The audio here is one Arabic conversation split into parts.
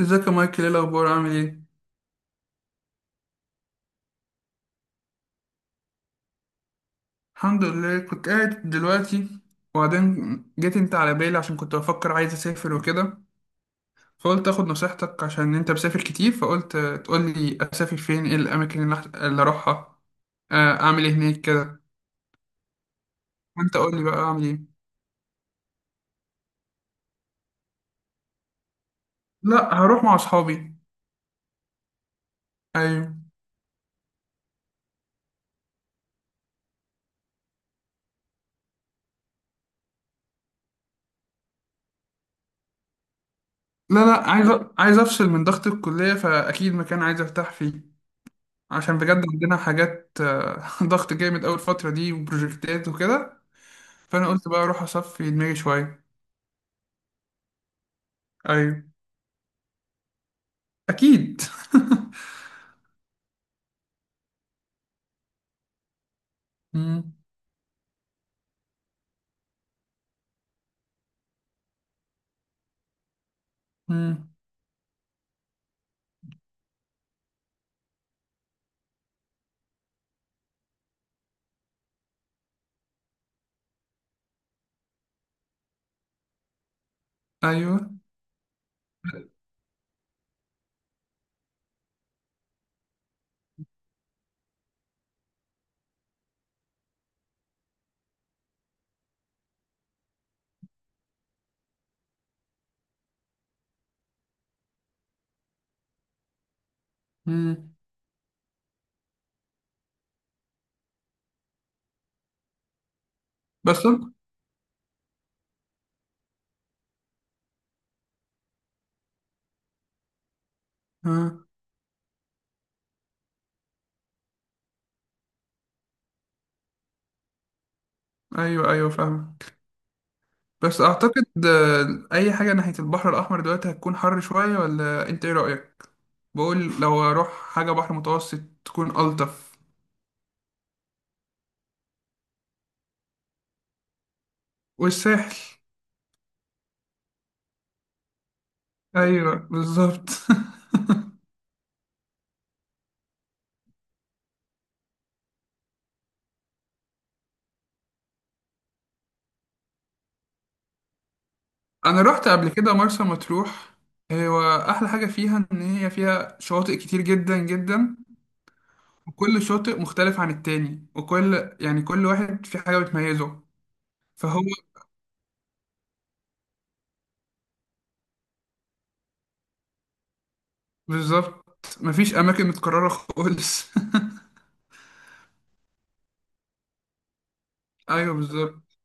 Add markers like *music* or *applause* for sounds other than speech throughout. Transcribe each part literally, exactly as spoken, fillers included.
ازيك يا مايكل؟ ايه الاخبار؟ عامل ايه؟ الحمد لله، كنت قاعد دلوقتي وبعدين جيت انت على بالي عشان كنت بفكر عايز اسافر وكده. فقلت اخد نصيحتك عشان انت مسافر كتير، فقلت تقول لي اسافر فين، ايه الاماكن اللي أح- اللي اروحها. آه، اعمل ايه هناك كده. وانت قول لي بقى اعمل ايه. لا، هروح مع اصحابي. ايوه. لا لا، عايز أ- عايز افصل من ضغط الكليه، فاكيد مكان عايز ارتاح فيه. عشان بجد عندنا حاجات آه، *laughs* ضغط جامد أوي الفترة دي وبروجكتات وكده. فانا قلت بقى اروح اصفي دماغي شويه. ايوه اكيد. *laughs* مم. مم. ايوه. مم. بس. آه. ايوه ايوه فاهمك. بس اعتقد آه، اي حاجه ناحيه البحر الاحمر دلوقتي هتكون حر شويه، ولا انت ايه رايك؟ بقول لو اروح حاجه بحر متوسط تكون الطف. والساحل. ايوه بالظبط. *laughs* انا رحت قبل كده مرسى مطروح. هو احلى حاجه فيها ان هي فيها شواطئ كتير جدا جدا. وكل شاطئ مختلف عن التاني، وكل يعني كل واحد في حاجة بتميزه. فهو. بالظبط. مفيش أماكن متكررة خالص. *laughs* أيوه بالظبط.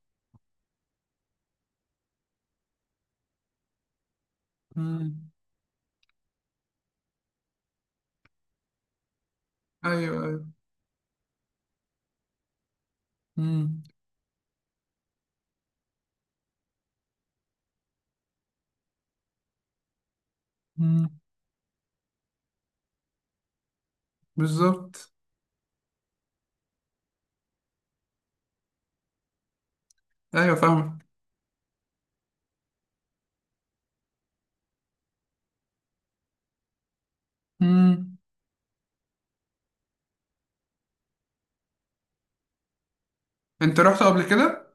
مم. أيوه أيوه. مم. مم. بالظبط. أيوه فاهمك. مم. أنت رحت قبل كده؟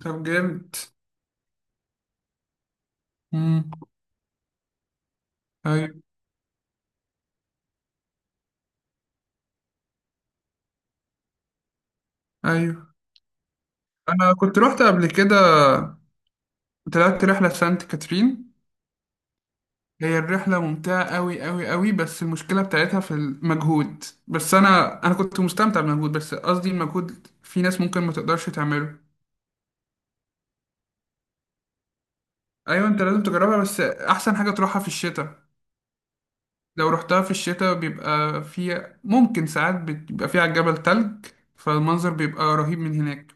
طب جامد. مم. أيوه أيوه. أنا كنت رحت قبل كده، طلعت رحلة سانت كاترين. هي الرحلة ممتعة أوي أوي أوي، بس المشكلة بتاعتها في المجهود، بس أنا أنا كنت مستمتع بالمجهود، بس قصدي المجهود في ناس ممكن ما تقدرش تعمله. أيوة، أنت لازم تجربها، بس أحسن حاجة تروحها في الشتاء. لو رحتها في الشتاء بيبقى في ممكن ساعات بيبقى فيه على الجبل تلج، فالمنظر بيبقى رهيب من هناك.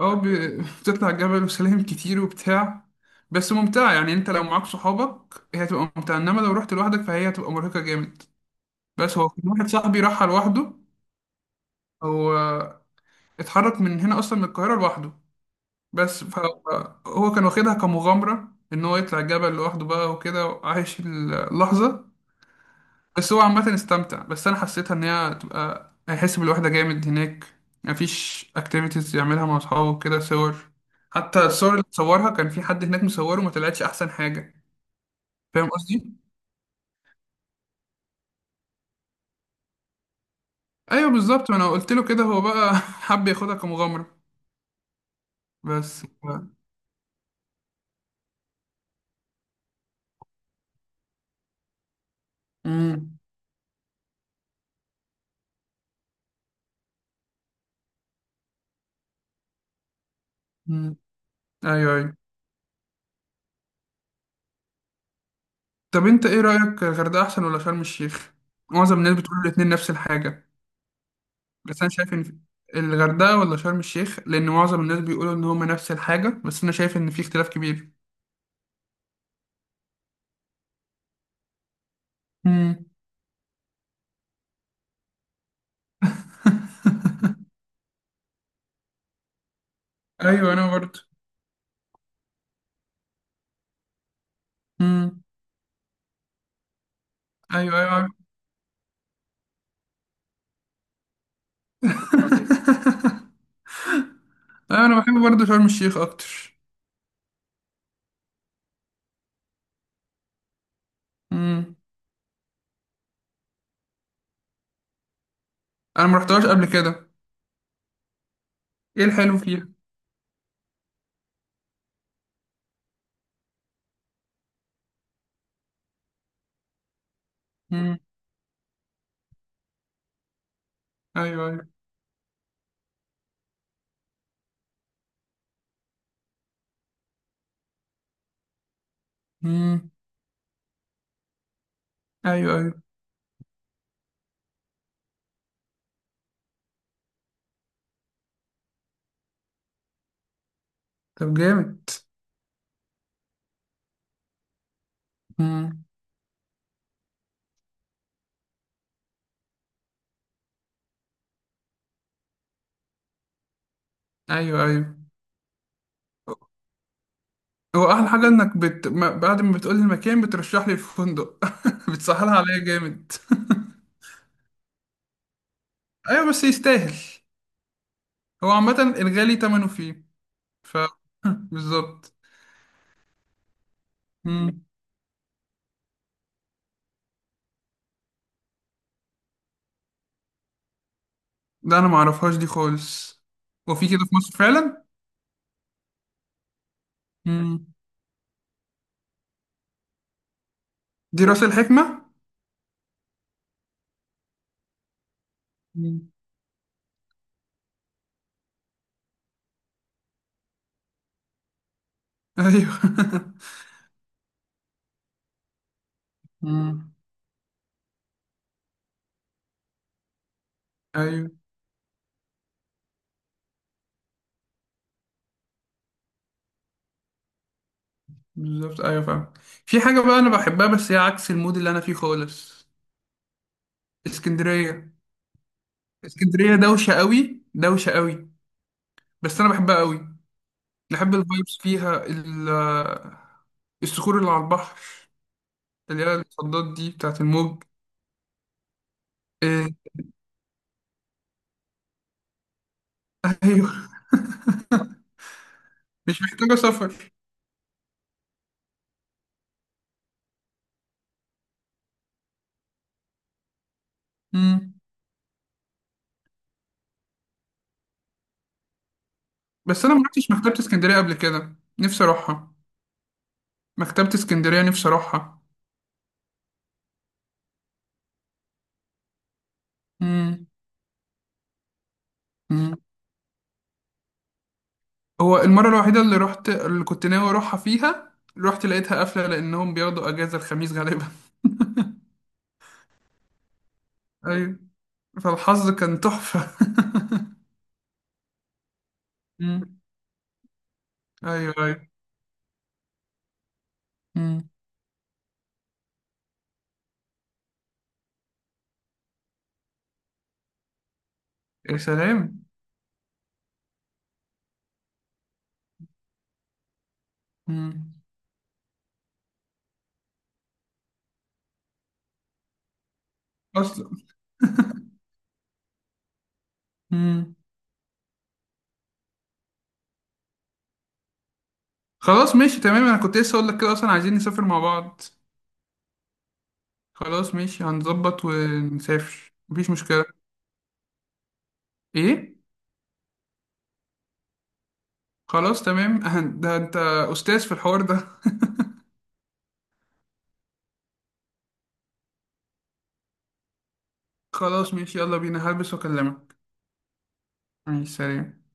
أو بي- *laughs* بتطلع الجبل وسلالم كتير وبتاع. بس ممتعة يعني، أنت لو معاك صحابك هي هتبقى ممتعة، إنما لو رحت لوحدك فهي هتبقى مرهقة جامد. بس هو كان واحد صاحبي راحها لوحده. هو اتحرك من هنا اصلا من القاهره لوحده. بس فهو كان واخدها كمغامره ان هو يطلع الجبل لوحده بقى وكده وعايش اللحظه. بس هو عامه استمتع، بس انا حسيتها ان هي تبقى هيحس بالوحده جامد هناك. مفيش اكتيفيتيز يعملها مع اصحابه كده، صور. حتى الصور اللي صورها كان في حد هناك مصوره وما طلعتش احسن حاجه. فاهم قصدي. ايوه بالظبط، انا قلت له كده، هو بقى *laughs* حب ياخدها كمغامره. بس. امم. ايوه ايوه. طب انت ايه رأيك، الغردقة احسن ولا شرم الشيخ؟ معظم الناس بتقول الاتنين نفس الحاجة. بس انا شايف ان في- الغردقة ولا شرم الشيخ؟ لان معظم الناس بيقولوا ان هما نفس الحاجة، بس انا شايف ان في اختلاف كبير. مم. *laughs* ايوه انا برضه. مم. ايوه ايوه عارف. *laughs* ايوه انا بحب برضه شرم الشيخ اكتر. مم. انا ما رحتهاش قبل كده. ايه الحلو فيها؟ مم. ايوه ايوه. مم. ايوه ايوه. طب جامد. مم. ايوه ايوه. هو احلى حاجه انك بت... ما- بعد ما بتقولي المكان بترشح لي الفندق *laughs* بتسهلها عليا جامد. *laughs* ايوه بس يستاهل. هو عامه الغالي تمنه فيه. ف *laughs* بالظبط. مم. ده انا ما اعرفهاش دي خالص. هو في كده في مصر فعلا؟ مم. دي راس الحكمه. مم. ايوه. *laughs* مم. ايوه بالظبط ايوه فاهم. في حاجه بقى انا بحبها، بس هي عكس المود اللي انا فيه خالص. اسكندريه. اسكندريه دوشه قوي دوشه قوي. بس انا بحبها قوي. نحب الفايبس فيها ال- الصخور اللي على البحر، اللي هي الصدات دي بتاعت الموج. إيه. ايوه. *laughs* مش محتاجة سفر. مم. بس انا ما رحتش مكتبة اسكندرية قبل كده، نفسي اروحها. مكتبة اسكندرية نفسي اروحها. مم. مم. هو المرة الوحيدة اللي رحت اللي كنت ناوي اروحها فيها رحت لقيتها قافلة، لانهم بياخدوا اجازة الخميس غالبا. *laughs* ايوه. فالحظ كان تحفة. *laughs* مم. ايوه ايوه. مم. يا سلام. مم. أصل. مم. خلاص ماشي تمام، انا كنت لسه اقول لك كده اصلا، عايزين نسافر مع بعض. خلاص ماشي، هنظبط ونسافر، مفيش مشكلة. ايه. خلاص تمام. *laughs* أهن- ده انت استاذ في الحوار ده. *laughs* خلاص ماشي، يلا بينا، هلبس واكلمك. ماشي، سلام.